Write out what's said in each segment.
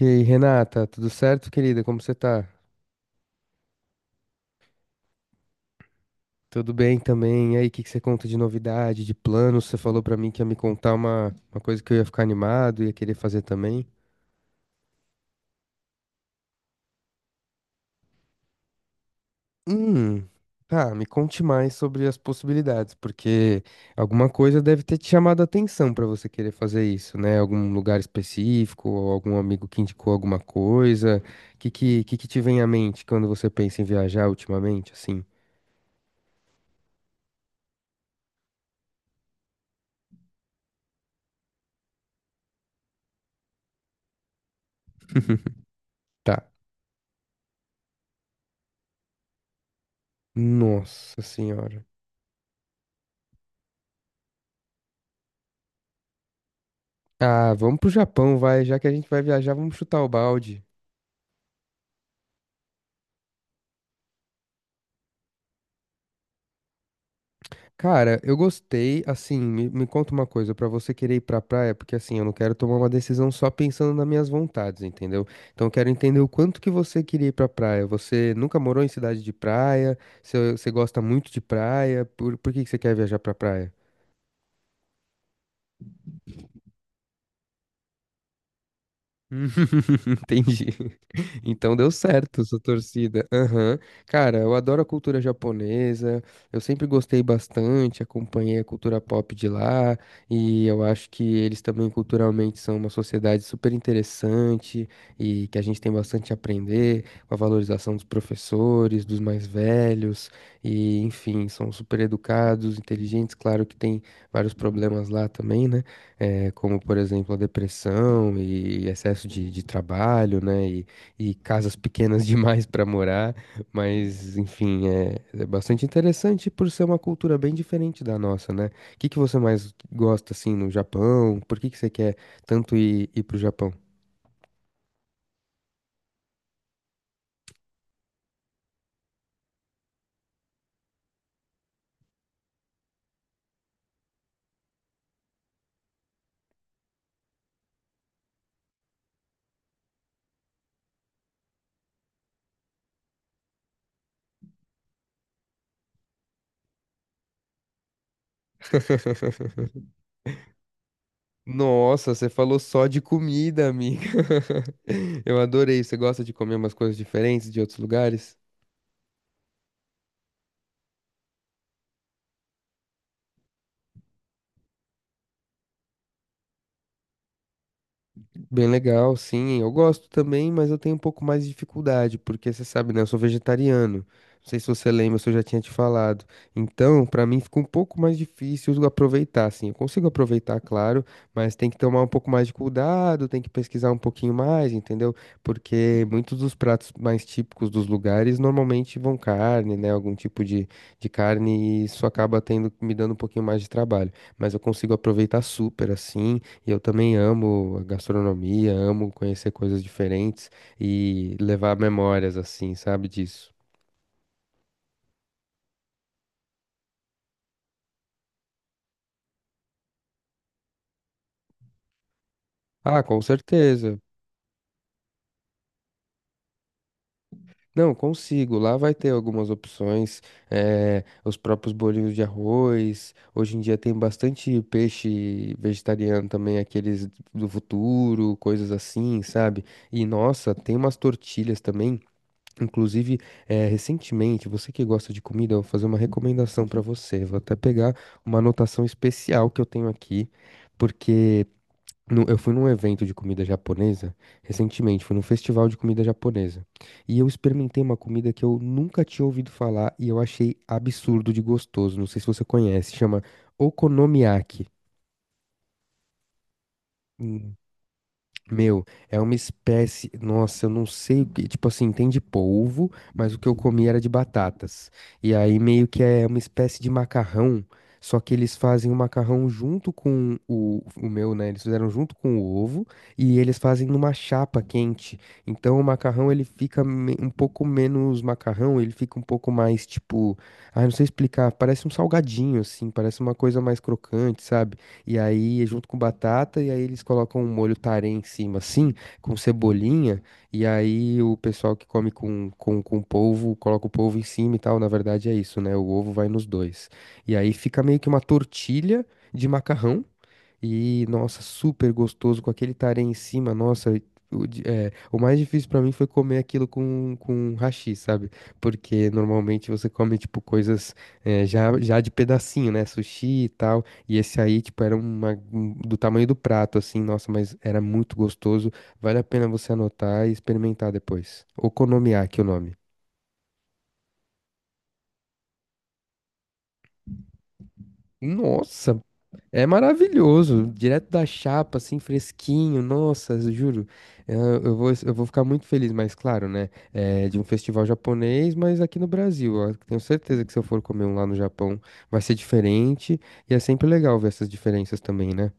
E aí, Renata, tudo certo, querida? Como você tá? Tudo bem também? E aí, o que que você conta de novidade, de planos? Você falou pra mim que ia me contar uma coisa que eu ia ficar animado, ia querer fazer também. Hum, tá, me conte mais sobre as possibilidades, porque alguma coisa deve ter te chamado a atenção pra você querer fazer isso, né? Algum lugar específico, ou algum amigo que indicou alguma coisa. O que que te vem à mente quando você pensa em viajar ultimamente, assim? Tá. Nossa senhora. Ah, vamos pro Japão, vai. Já que a gente vai viajar, vamos chutar o balde. Cara, eu gostei, assim, me conta uma coisa, pra você querer ir pra praia, porque assim, eu não quero tomar uma decisão só pensando nas minhas vontades, entendeu? Então eu quero entender o quanto que você queria ir pra praia. Você nunca morou em cidade de praia? Você gosta muito de praia? Por que que você quer viajar pra praia? Entendi. Então deu certo sua torcida. Aham. Cara, eu adoro a cultura japonesa. Eu sempre gostei bastante, acompanhei a cultura pop de lá. E eu acho que eles também culturalmente são uma sociedade super interessante e que a gente tem bastante a aprender com a valorização dos professores, dos mais velhos. E, enfim, são super educados, inteligentes. Claro que tem vários problemas lá também, né? Como, por exemplo, a depressão e excesso de trabalho, né? e casas pequenas demais para morar, mas enfim, é bastante interessante por ser uma cultura bem diferente da nossa, né? O que que você mais gosta assim no Japão? Por que que você quer tanto ir pro Japão? Nossa, você falou só de comida, amiga. Eu adorei. Você gosta de comer umas coisas diferentes de outros lugares? Bem legal, sim. Eu gosto também, mas eu tenho um pouco mais de dificuldade, porque você sabe, né? Eu sou vegetariano. Não sei se você lembra, se eu já tinha te falado. Então, pra mim fica um pouco mais difícil aproveitar, assim. Eu consigo aproveitar, claro, mas tem que tomar um pouco mais de cuidado, tem que pesquisar um pouquinho mais, entendeu? Porque muitos dos pratos mais típicos dos lugares normalmente vão carne, né? Algum tipo de carne, e isso acaba tendo, me dando um pouquinho mais de trabalho. Mas eu consigo aproveitar super, assim. E eu também amo a gastronomia, amo conhecer coisas diferentes e levar memórias assim, sabe disso? Ah, com certeza. Não, consigo. Lá vai ter algumas opções, os próprios bolinhos de arroz. Hoje em dia tem bastante peixe vegetariano também, aqueles do futuro, coisas assim, sabe? E nossa, tem umas tortilhas também. Inclusive, recentemente, você que gosta de comida, eu vou fazer uma recomendação para você. Vou até pegar uma anotação especial que eu tenho aqui, porque eu fui num evento de comida japonesa recentemente, fui num festival de comida japonesa. E eu experimentei uma comida que eu nunca tinha ouvido falar e eu achei absurdo de gostoso. Não sei se você conhece, chama okonomiyaki. Meu, é uma espécie. Nossa, eu não sei o que. Tipo assim, tem de polvo, mas o que eu comi era de batatas. E aí meio que é uma espécie de macarrão. Só que eles fazem o macarrão junto com o meu, né? Eles fizeram junto com o ovo e eles fazem numa chapa quente. Então o macarrão ele fica um pouco menos macarrão, ele fica um pouco mais tipo. Ai, não sei explicar. Parece um salgadinho, assim. Parece uma coisa mais crocante, sabe? E aí, junto com batata, e aí eles colocam um molho tarê em cima, assim, com cebolinha. E aí o pessoal que come com polvo, coloca o polvo em cima e tal. Na verdade é isso, né? O ovo vai nos dois. E aí fica meio que uma tortilha de macarrão. E, nossa, super gostoso com aquele tarê em cima. Nossa, o mais difícil pra mim foi comer aquilo com hashi, sabe? Porque normalmente você come, tipo, coisas já de pedacinho, né? Sushi e tal. E esse aí, tipo, era do tamanho do prato, assim. Nossa, mas era muito gostoso. Vale a pena você anotar e experimentar depois. Okonomiyaki, o nome. Nossa, é maravilhoso, direto da chapa, assim, fresquinho, nossa, eu juro. Eu vou ficar muito feliz, mas claro, né? É de um festival japonês, mas aqui no Brasil. Ó, tenho certeza que se eu for comer um lá no Japão, vai ser diferente. E é sempre legal ver essas diferenças também, né?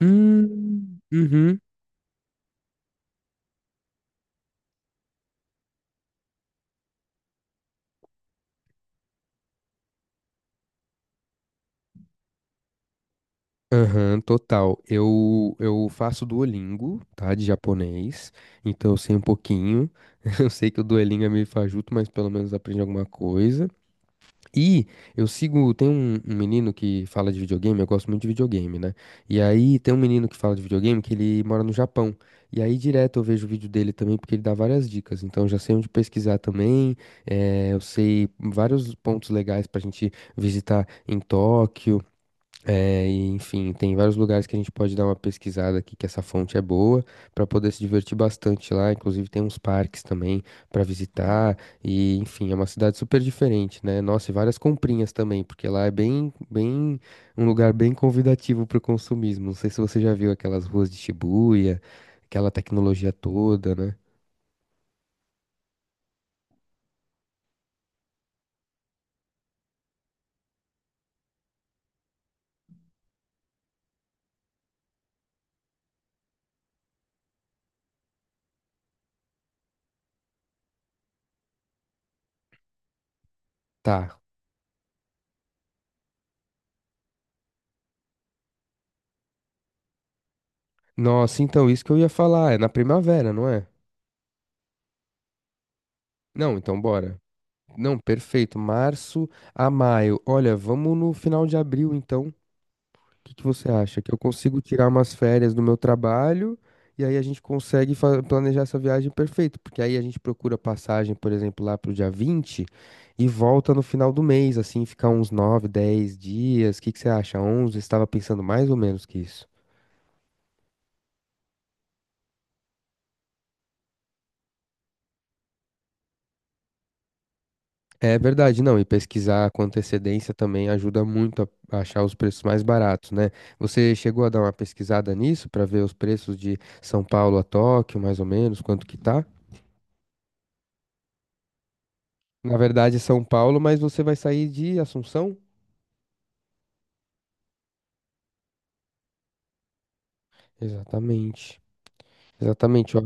Uhum. Aham, total. Eu faço Duolingo, tá? De japonês. Então eu sei um pouquinho. Eu sei que o Duolingo é meio fajuto, mas pelo menos aprende alguma coisa. E eu sigo, tem um menino que fala de videogame, eu gosto muito de videogame, né? E aí tem um menino que fala de videogame que ele mora no Japão. E aí direto eu vejo o vídeo dele também, porque ele dá várias dicas. Então eu já sei onde pesquisar também, eu sei vários pontos legais pra gente visitar em Tóquio. E, enfim, tem vários lugares que a gente pode dar uma pesquisada aqui, que essa fonte é boa, para poder se divertir bastante lá. Inclusive, tem uns parques também para visitar. E, enfim, é uma cidade super diferente, né? Nossa, e várias comprinhas também, porque lá é bem, bem, um lugar bem convidativo para o consumismo. Não sei se você já viu aquelas ruas de Shibuya, aquela tecnologia toda, né? Tá. Nossa, então, isso que eu ia falar, é na primavera, não é? Não, então bora. Não, perfeito. Março a maio. Olha, vamos no final de abril, então. O que que você acha? Que eu consigo tirar umas férias do meu trabalho e aí a gente consegue planejar essa viagem perfeito. Porque aí a gente procura passagem, por exemplo, lá pro dia 20 e volta no final do mês, assim, ficar uns 9, 10 dias. O que que você acha? 11? Estava pensando mais ou menos que isso. É verdade, não, e pesquisar com antecedência também ajuda muito a achar os preços mais baratos, né? Você chegou a dar uma pesquisada nisso para ver os preços de São Paulo a Tóquio, mais ou menos, quanto que tá? Na verdade, é São Paulo, mas você vai sair de Assunção? Exatamente. Exatamente, ó.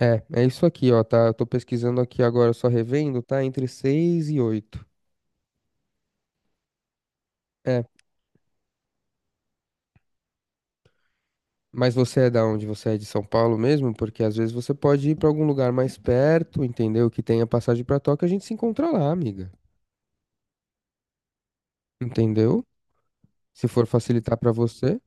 É isso aqui, ó, tá? Eu tô pesquisando aqui agora, só revendo, tá? Entre seis e 8. Mas você é da onde? Você é de São Paulo mesmo? Porque às vezes você pode ir pra algum lugar mais perto, entendeu? Que tenha passagem pra Tóquio, a gente se encontra lá, amiga. Entendeu? Se for facilitar pra você.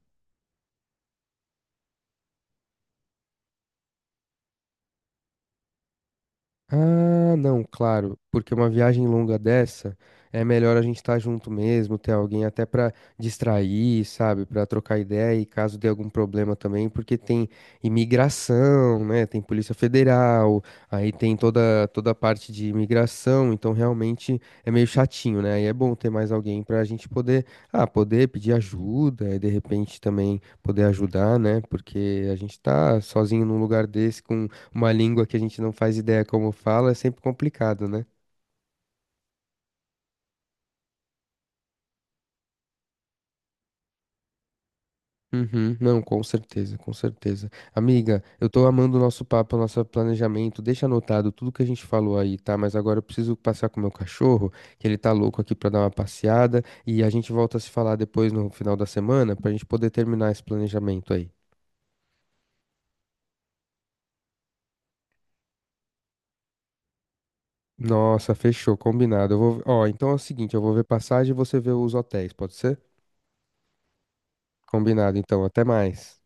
Ah, não, claro, porque uma viagem longa dessa é melhor a gente estar junto mesmo, ter alguém até pra distrair, sabe, pra trocar ideia e caso dê algum problema também, porque tem imigração, né? Tem Polícia Federal, aí tem toda a parte de imigração, então realmente é meio chatinho, né? Aí é bom ter mais alguém pra gente poder, poder pedir ajuda e de repente também poder ajudar, né? Porque a gente tá sozinho num lugar desse, uma língua que a gente não faz ideia como fala é sempre complicado, né? Uhum, não, com certeza, com certeza. Amiga, eu tô amando o nosso papo, o nosso planejamento. Deixa anotado tudo que a gente falou aí, tá? Mas agora eu preciso passear com o meu cachorro, que ele tá louco aqui pra dar uma passeada. E a gente volta a se falar depois no final da semana pra gente poder terminar esse planejamento aí. Nossa, fechou, combinado. Eu vou... Ó, então é o seguinte, eu vou ver passagem e você vê os hotéis, pode ser? Combinado, então, até mais.